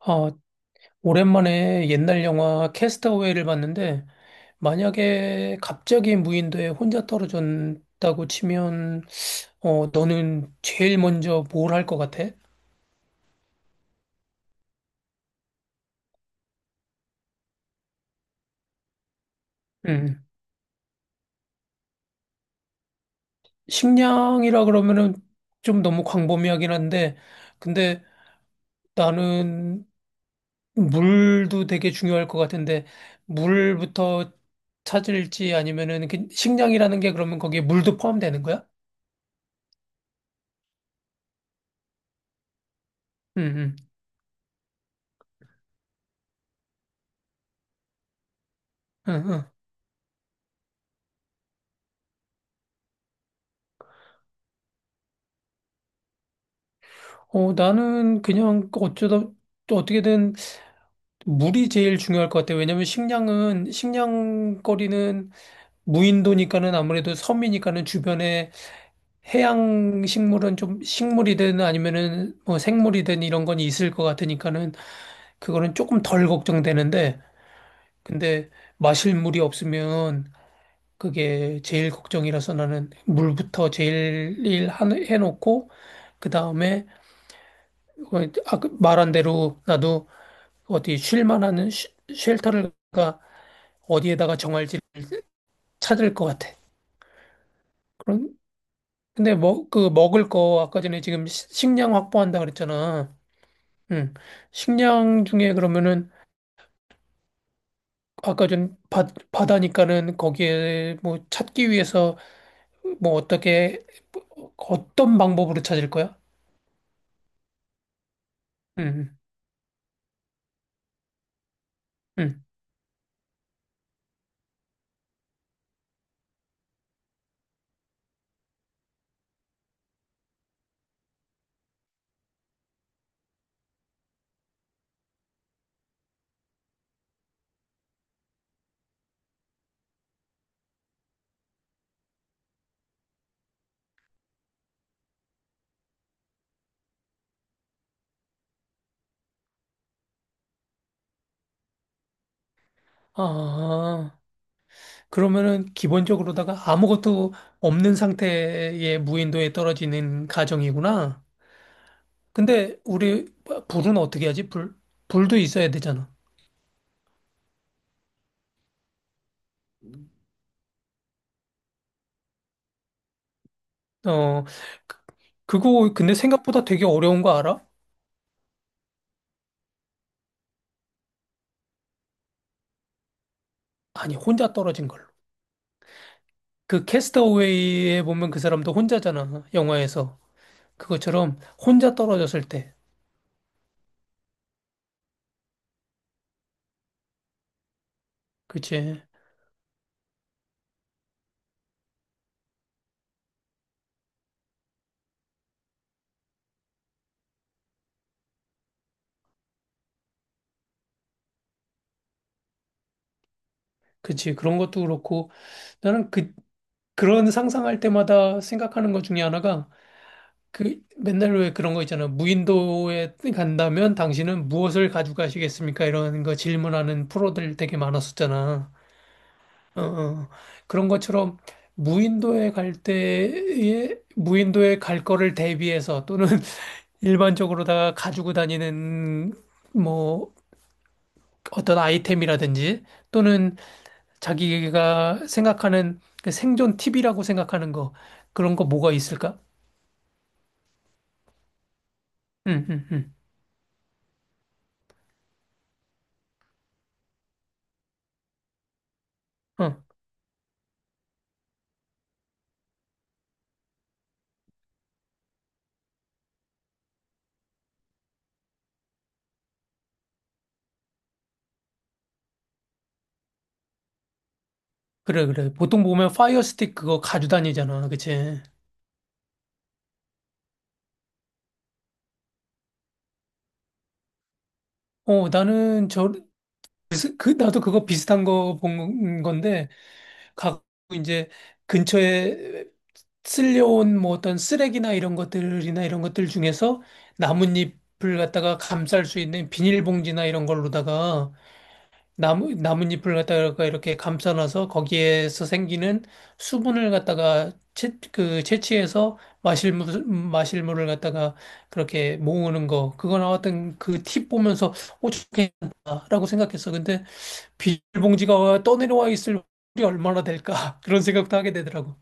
아, 오랜만에 옛날 영화 캐스터웨이를 봤는데, 만약에 갑자기 무인도에 혼자 떨어졌다고 치면, 너는 제일 먼저 뭘 할 것 같아? 음. 식량이라 그러면은 좀 너무 광범위하긴 한데, 근데 나는 물도 되게 중요할 것 같은데, 물부터 찾을지 아니면은 그 식량이라는 게 그러면 거기에 물도 포함되는 거야? 응, 응, 응, 나는 그냥 어쩌다 또 어떻게든 물이 제일 중요할 것 같아. 왜냐면 식량거리는 무인도니까는 아무래도 섬이니까는 주변에 해양 식물은 좀 식물이든 아니면은 뭐 생물이든 이런 건 있을 것 같으니까는 그거는 조금 덜 걱정되는데 근데 마실 물이 없으면 그게 제일 걱정이라서 나는 물부터 제일 해놓고 그다음에 어, 아, 그 말한 대로 나도 어디 쉴 만한 쉘터를 가 어디에다가 정할지 찾을 것 같아. 그런 근데 뭐 그 먹을 거 아까 전에 지금 식량 확보한다 그랬잖아. 응. 식량 중에 그러면은 아까 전 바, 바다니까는 거기에 뭐 찾기 위해서 뭐 어떻게 어떤 방법으로 찾을 거야? 응. 응. 응. 아, 그러면은 기본적으로다가 아무것도 없는 상태의 무인도에 떨어지는 가정이구나. 근데 우리 불은 어떻게 하지? 불? 불도 있어야 되잖아. 어, 그- 그거 근데 생각보다 되게 어려운 거 알아? 아니, 혼자 떨어진 걸로. 그 캐스터웨이에 보면 그 사람도 혼자잖아, 영화에서. 그것처럼 혼자 떨어졌을 때. 그치? 그치. 그런 것도 그렇고 나는 그 그런 상상할 때마다 생각하는 것 중에 하나가 그 맨날 왜 그런 거 있잖아. 무인도에 간다면 당신은 무엇을 가지고 가시겠습니까? 이런 거 질문하는 프로들 되게 많았었잖아. 어, 어. 그런 것처럼 무인도에 갈 때에 무인도에 갈 거를 대비해서 또는 일반적으로다가 가지고 다니는 뭐 어떤 아이템이라든지 또는 자기가 생각하는 그 생존 팁이라고 생각하는 거 그런 거 뭐가 있을까? 응, 응, 응. 어, 그래, 그래. 보통 보면 파이어 스틱 그거 가지고 다니잖아. 그치? 나는 저, 그, 나도 그거 비슷한 거 본 건데 갖고 이제 근처에 쓸려온 뭐 어떤 쓰레기나 이런 것들이나 이런 것들 중에서 나뭇잎을 갖다가 감쌀 수 있는 비닐봉지나 이런 걸로다가 나뭇잎을 갖다가 이렇게 감싸놔서 거기에서 생기는 수분을 갖다가 그 채취해서 마실 물을 갖다가 그렇게 모으는 거. 그거 나왔던 그 팁 보면서 오, 좋겠다라고 생각했어. 근데 비닐봉지가 떠내려와 있을 확률이 얼마나 될까? 그런 생각도 하게 되더라고.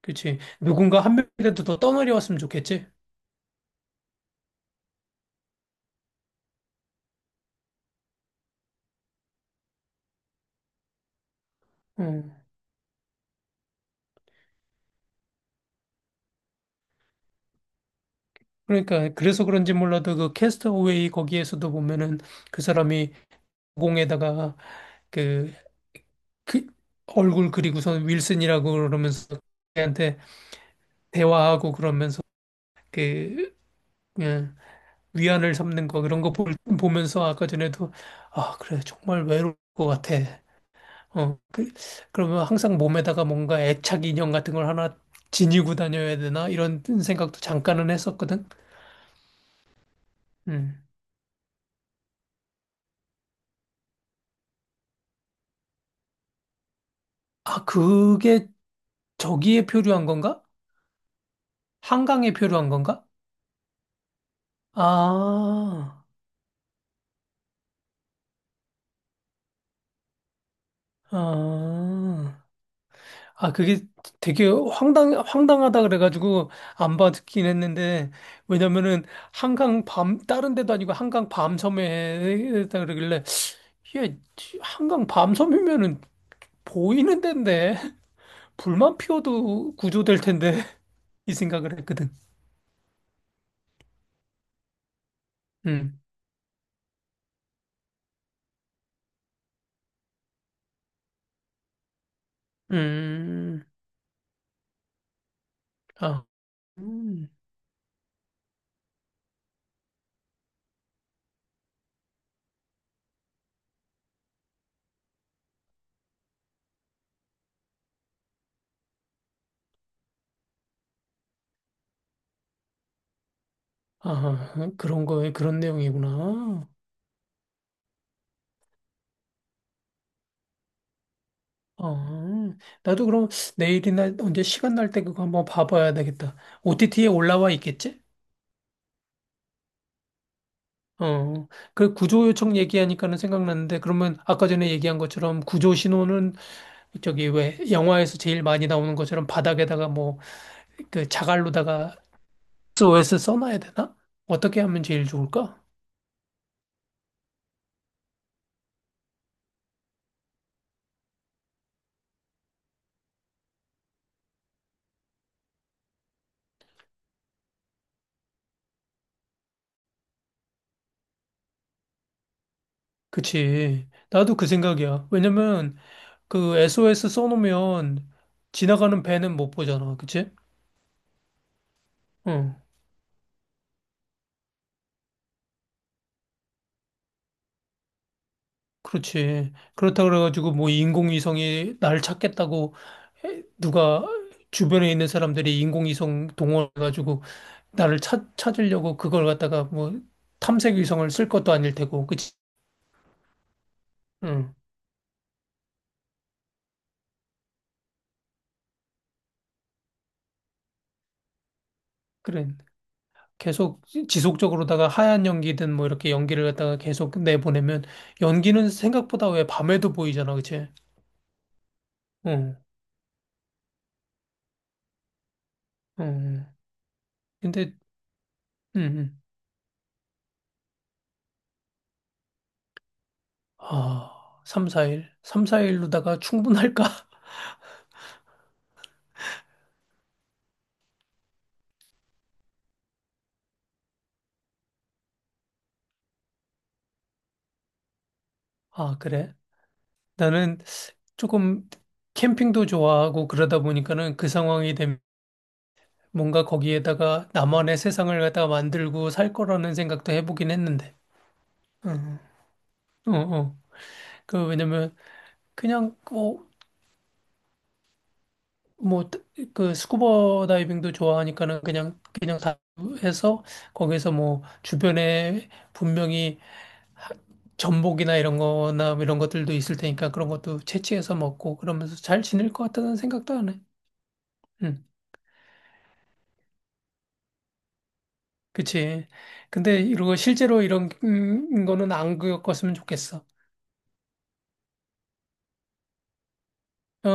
그치. 누군가 한 명이라도 더 떠내려왔으면 좋겠지? 음. 그러니까, 그래서 그런지 몰라도 그 캐스터웨이 거기에서도 보면은 그 사람이 공에다가 그, 그 얼굴 그리고선 윌슨이라고 그러면서 걔한테 대화하고 그러면서 그, 그냥 위안을 삼는 거 그런 거 보면서 아까 전에도 아, 그래. 정말 외로울 것 같아. 어, 그, 그러면 항상 몸에다가 뭔가 애착 인형 같은 걸 하나 지니고 다녀야 되나? 이런 생각도 잠깐은 했었거든. 음. 아, 그게 저기에 표류한 건가? 한강에 표류한 건가? 아, 아, 아, 그게 되게 황당하다 그래가지고 안 받긴 했는데, 왜냐면은 다른 데도 아니고 한강 밤섬에 했다 그러길래, 예, 한강 밤섬이면은 보이는 데인데. 불만 피워도 구조될 텐데 이 생각을 했거든. 음, 음, 아, 음, 아, 그런 거에 그런 내용이구나. 아, 나도 그럼 내일이나 언제 시간 날 때 그거 한번 봐봐야 되겠다. OTT에 올라와 있겠지? 어, 그 구조 요청 얘기하니까는 생각났는데 그러면 아까 전에 얘기한 것처럼 구조 신호는 저기 왜 영화에서 제일 많이 나오는 것처럼 바닥에다가 뭐 그 자갈로다가 SOS 써놔야 되나? 어떻게 하면 제일 좋을까? 그치. 나도 그 생각이야. 왜냐면 그 SOS 써놓으면 지나가는 배는 못 보잖아. 그치? 응. 그렇지. 그렇다 그래가지고 뭐 인공위성이 날 찾겠다고 누가 주변에 있는 사람들이 인공위성 동원해가지고 나를 찾으려고 그걸 갖다가 뭐 탐색위성을 쓸 것도 아닐 테고. 그치? 응. 그래. 계속 지속적으로다가 하얀 연기든 뭐 이렇게 연기를 갖다가 계속 내보내면 연기는 생각보다 왜 밤에도 보이잖아. 그치? 응, 응. 근데, 응, 응. 아, 3, 4일? 3, 4일로다가 충분할까? 아, 그래? 나는 조금 캠핑도 좋아하고 그러다 보니까는 그 상황이 되면 뭔가 거기에다가 나만의 세상을 갖다가 만들고 살 거라는 생각도 해보긴 했는데. 응, 응. 어, 어. 그, 왜냐면 그냥, 뭐, 그 스쿠버 다이빙도 좋아하니까는 그냥, 그냥 다 해서 거기서 뭐 주변에 분명히 전복이나 이런 거나 이런 것들도 있을 테니까 그런 것도 채취해서 먹고 그러면서 잘 지낼 것 같다는 생각도 하네. 응, 그치. 근데 이거 실제로 이런 거는 안 겪었으면 좋겠어. 어,